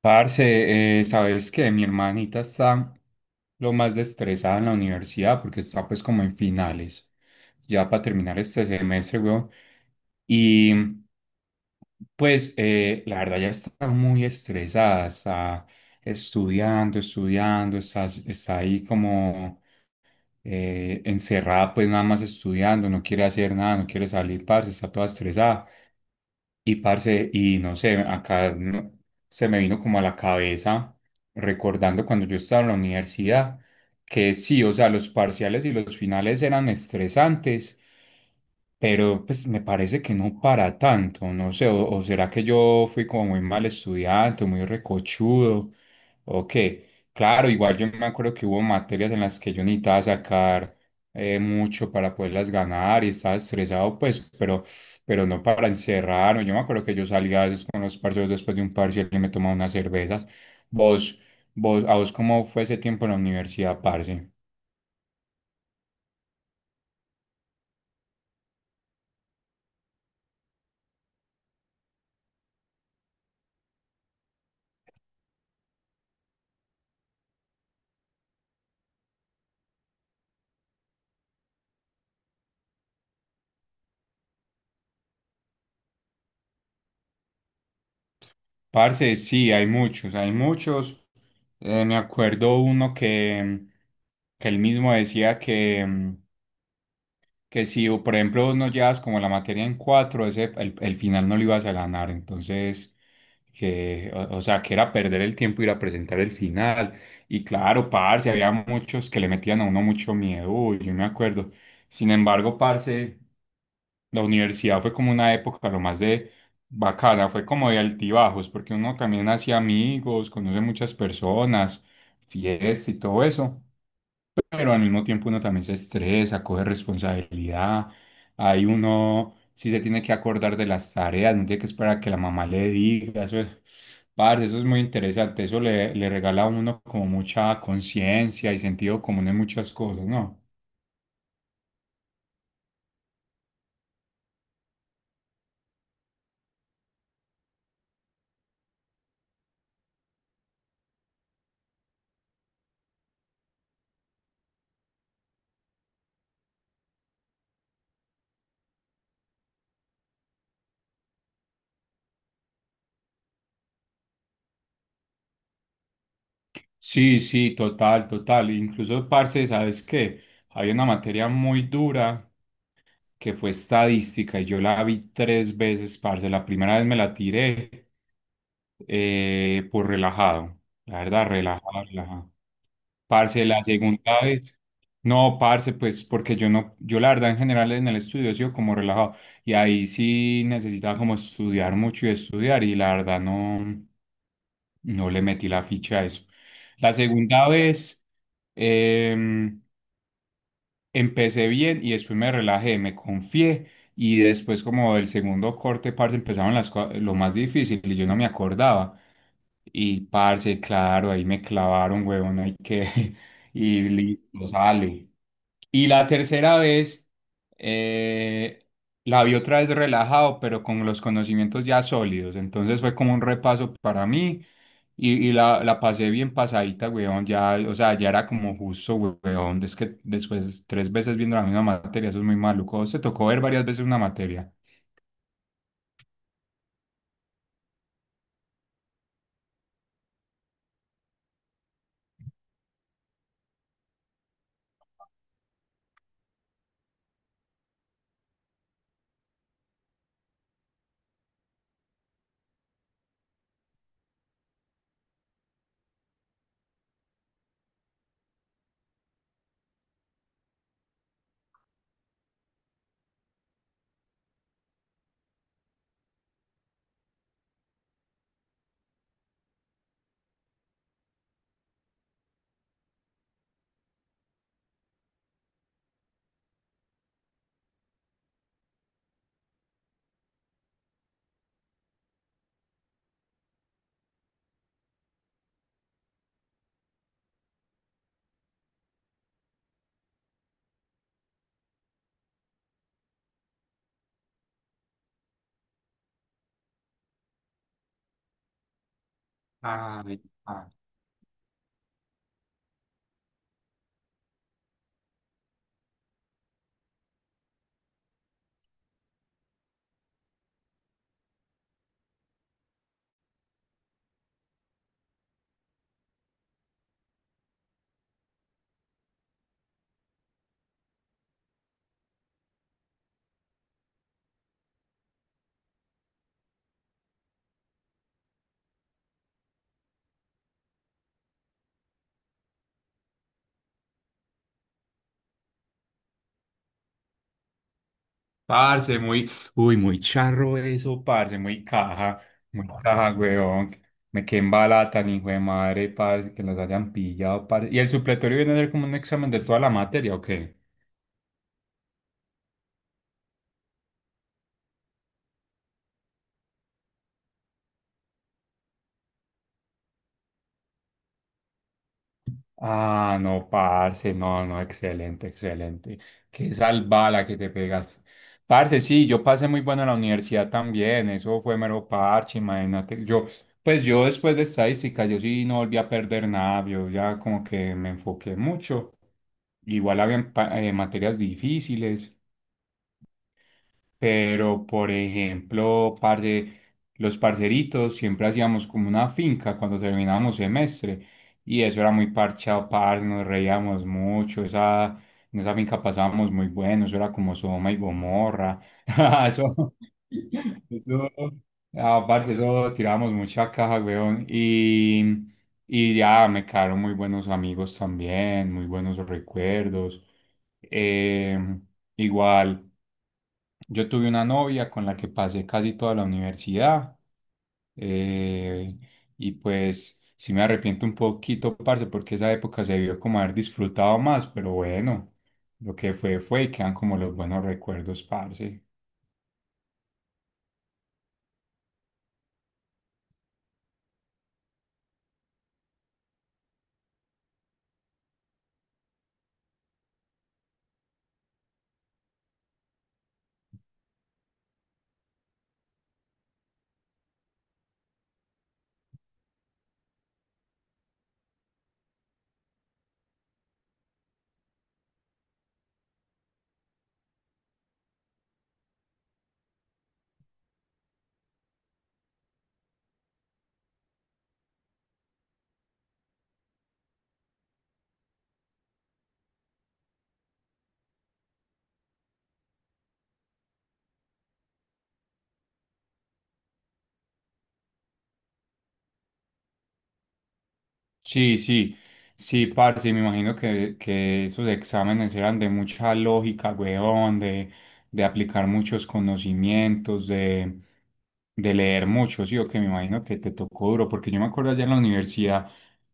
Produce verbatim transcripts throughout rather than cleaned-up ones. Parce, eh, sabes que mi hermanita está lo más estresada en la universidad porque está pues como en finales, ya para terminar este semestre, weón. Y pues eh, la verdad ya está muy estresada, está estudiando, estudiando, está, está ahí como eh, encerrada pues nada más estudiando, no quiere hacer nada, no quiere salir, parce, está toda estresada. Y parce, y no sé, acá no- se me vino como a la cabeza recordando cuando yo estaba en la universidad que sí, o sea, los parciales y los finales eran estresantes, pero pues me parece que no para tanto, no sé, o, o será que yo fui como muy mal estudiante, muy recochudo, o qué. Claro, igual yo me acuerdo que hubo materias en las que yo necesitaba sacar eh, mucho para poderlas ganar y estaba estresado, pues, pero pero no para encerrar. Yo me acuerdo que yo salía a veces con los parceros después de un parcial y me tomaba unas cervezas. Vos, vos, ¿a vos cómo fue ese tiempo en la universidad, parce? Parce, sí, hay muchos, hay muchos. Eh, me acuerdo uno que, que él mismo decía que... mm, que si, o por ejemplo, no llevas como la materia en cuatro, ese, el, el final no lo ibas a ganar. Entonces, que, o, o sea, que era perder el tiempo ir a presentar el final. Y claro, parce, había muchos que le metían a uno mucho miedo, uy, yo me acuerdo. Sin embargo, parce, la universidad fue como una época lo más de bacana, fue como de altibajos, porque uno también hacía amigos, conoce muchas personas, fiestas y todo eso, pero al mismo tiempo uno también se estresa, coge responsabilidad. Ahí uno sí se tiene que acordar de las tareas, no tiene que esperar a que la mamá le diga. Eso es, parce, eso es muy interesante. Eso le, le regala a uno como mucha conciencia y sentido común en muchas cosas, ¿no? Sí, sí, total, total. Incluso, parce, ¿sabes qué? Había una materia muy dura que fue estadística y yo la vi tres veces, parce. La primera vez me la tiré. Eh, pues relajado, la verdad, relajado, relajado. Parce, la segunda vez. No, parce, pues porque yo no, yo la verdad en general en el estudio he sido como relajado y ahí sí necesitaba como estudiar mucho y estudiar y la verdad no, no le metí la ficha a eso. La segunda vez em, empecé bien y después me relajé, me confié y después como del segundo corte, parce, empezaron las, cua- lo más difícil y yo no me acordaba. Y parce, claro, ahí me clavaron, huevón, hay que. Y listo, sale. Y la tercera vez, eh, la vi otra vez relajado, pero con los conocimientos ya sólidos. Entonces fue como un repaso para mí. Y, y la, la pasé bien pasadita, huevón. Ya, o sea, ya era como justo, huevón. Es que después, tres veces viendo la misma materia, eso es muy maluco. ¿A vos te tocó ver varias veces una materia? Ay, parce, muy, uy, muy charro eso, parce, muy caja, muy caja, weón. Me quedé en bala tan hijo de madre, parce, que los hayan pillado, parce. ¿Y el supletorio viene a ser como un examen de toda la materia o qué? Ah, no, parce, no, no, excelente, excelente. Qué salvada que te pegas. Parce, sí, yo pasé muy bueno en la universidad también, eso fue mero parche, imagínate. Yo, pues yo después de estadística, yo sí no volví a perder nada, yo ya como que me enfoqué mucho. Igual había materias difíciles. Pero, por ejemplo, parce, los parceritos siempre hacíamos como una finca cuando terminábamos semestre. Y eso era muy parchado, parce, nos reíamos mucho. Esa, en esa finca pasábamos muy bueno. Eso era como Sodoma y Gomorra. Eso, eso, ah, parce, eso tirábamos mucha caja, weón. Y, y ya me quedaron muy buenos amigos también, muy buenos recuerdos. Em, Igual. Yo tuve una novia con la que pasé casi toda la universidad, eh, y pues sí me arrepiento un poquito, parce, porque esa época se vio como haber disfrutado más, pero bueno, lo que fue fue y quedan como los buenos recuerdos, parce. Sí, sí, sí, parce, me imagino que, que esos exámenes eran de mucha lógica, weón, de, de aplicar muchos conocimientos, de, de leer mucho, sí, o que me imagino que te tocó duro, porque yo me acuerdo allá en la universidad,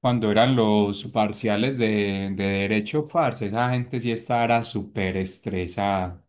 cuando eran los parciales de, de derecho, parce, esa gente sí estaba era súper estresada.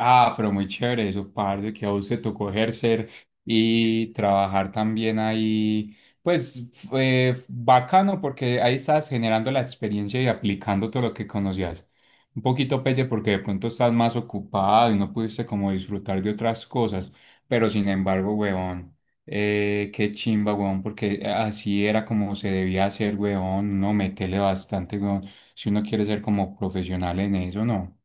Ah, pero muy chévere eso, parce, que a usted tocó ejercer y trabajar también ahí. Pues fue bacano porque ahí estás generando la experiencia y aplicando todo lo que conocías. Un poquito pelle porque de pronto estás más ocupado y no pudiste como disfrutar de otras cosas, pero sin embargo, huevón, eh, qué chimba, huevón, porque así era como se debía hacer, huevón, no metele bastante, huevón, si uno quiere ser como profesional en eso, ¿no?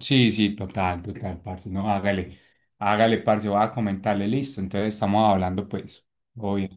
Sí, sí, total, total, parce. No, hágale, hágale, parce, voy a comentarle, listo. Entonces estamos hablando, pues, obvio.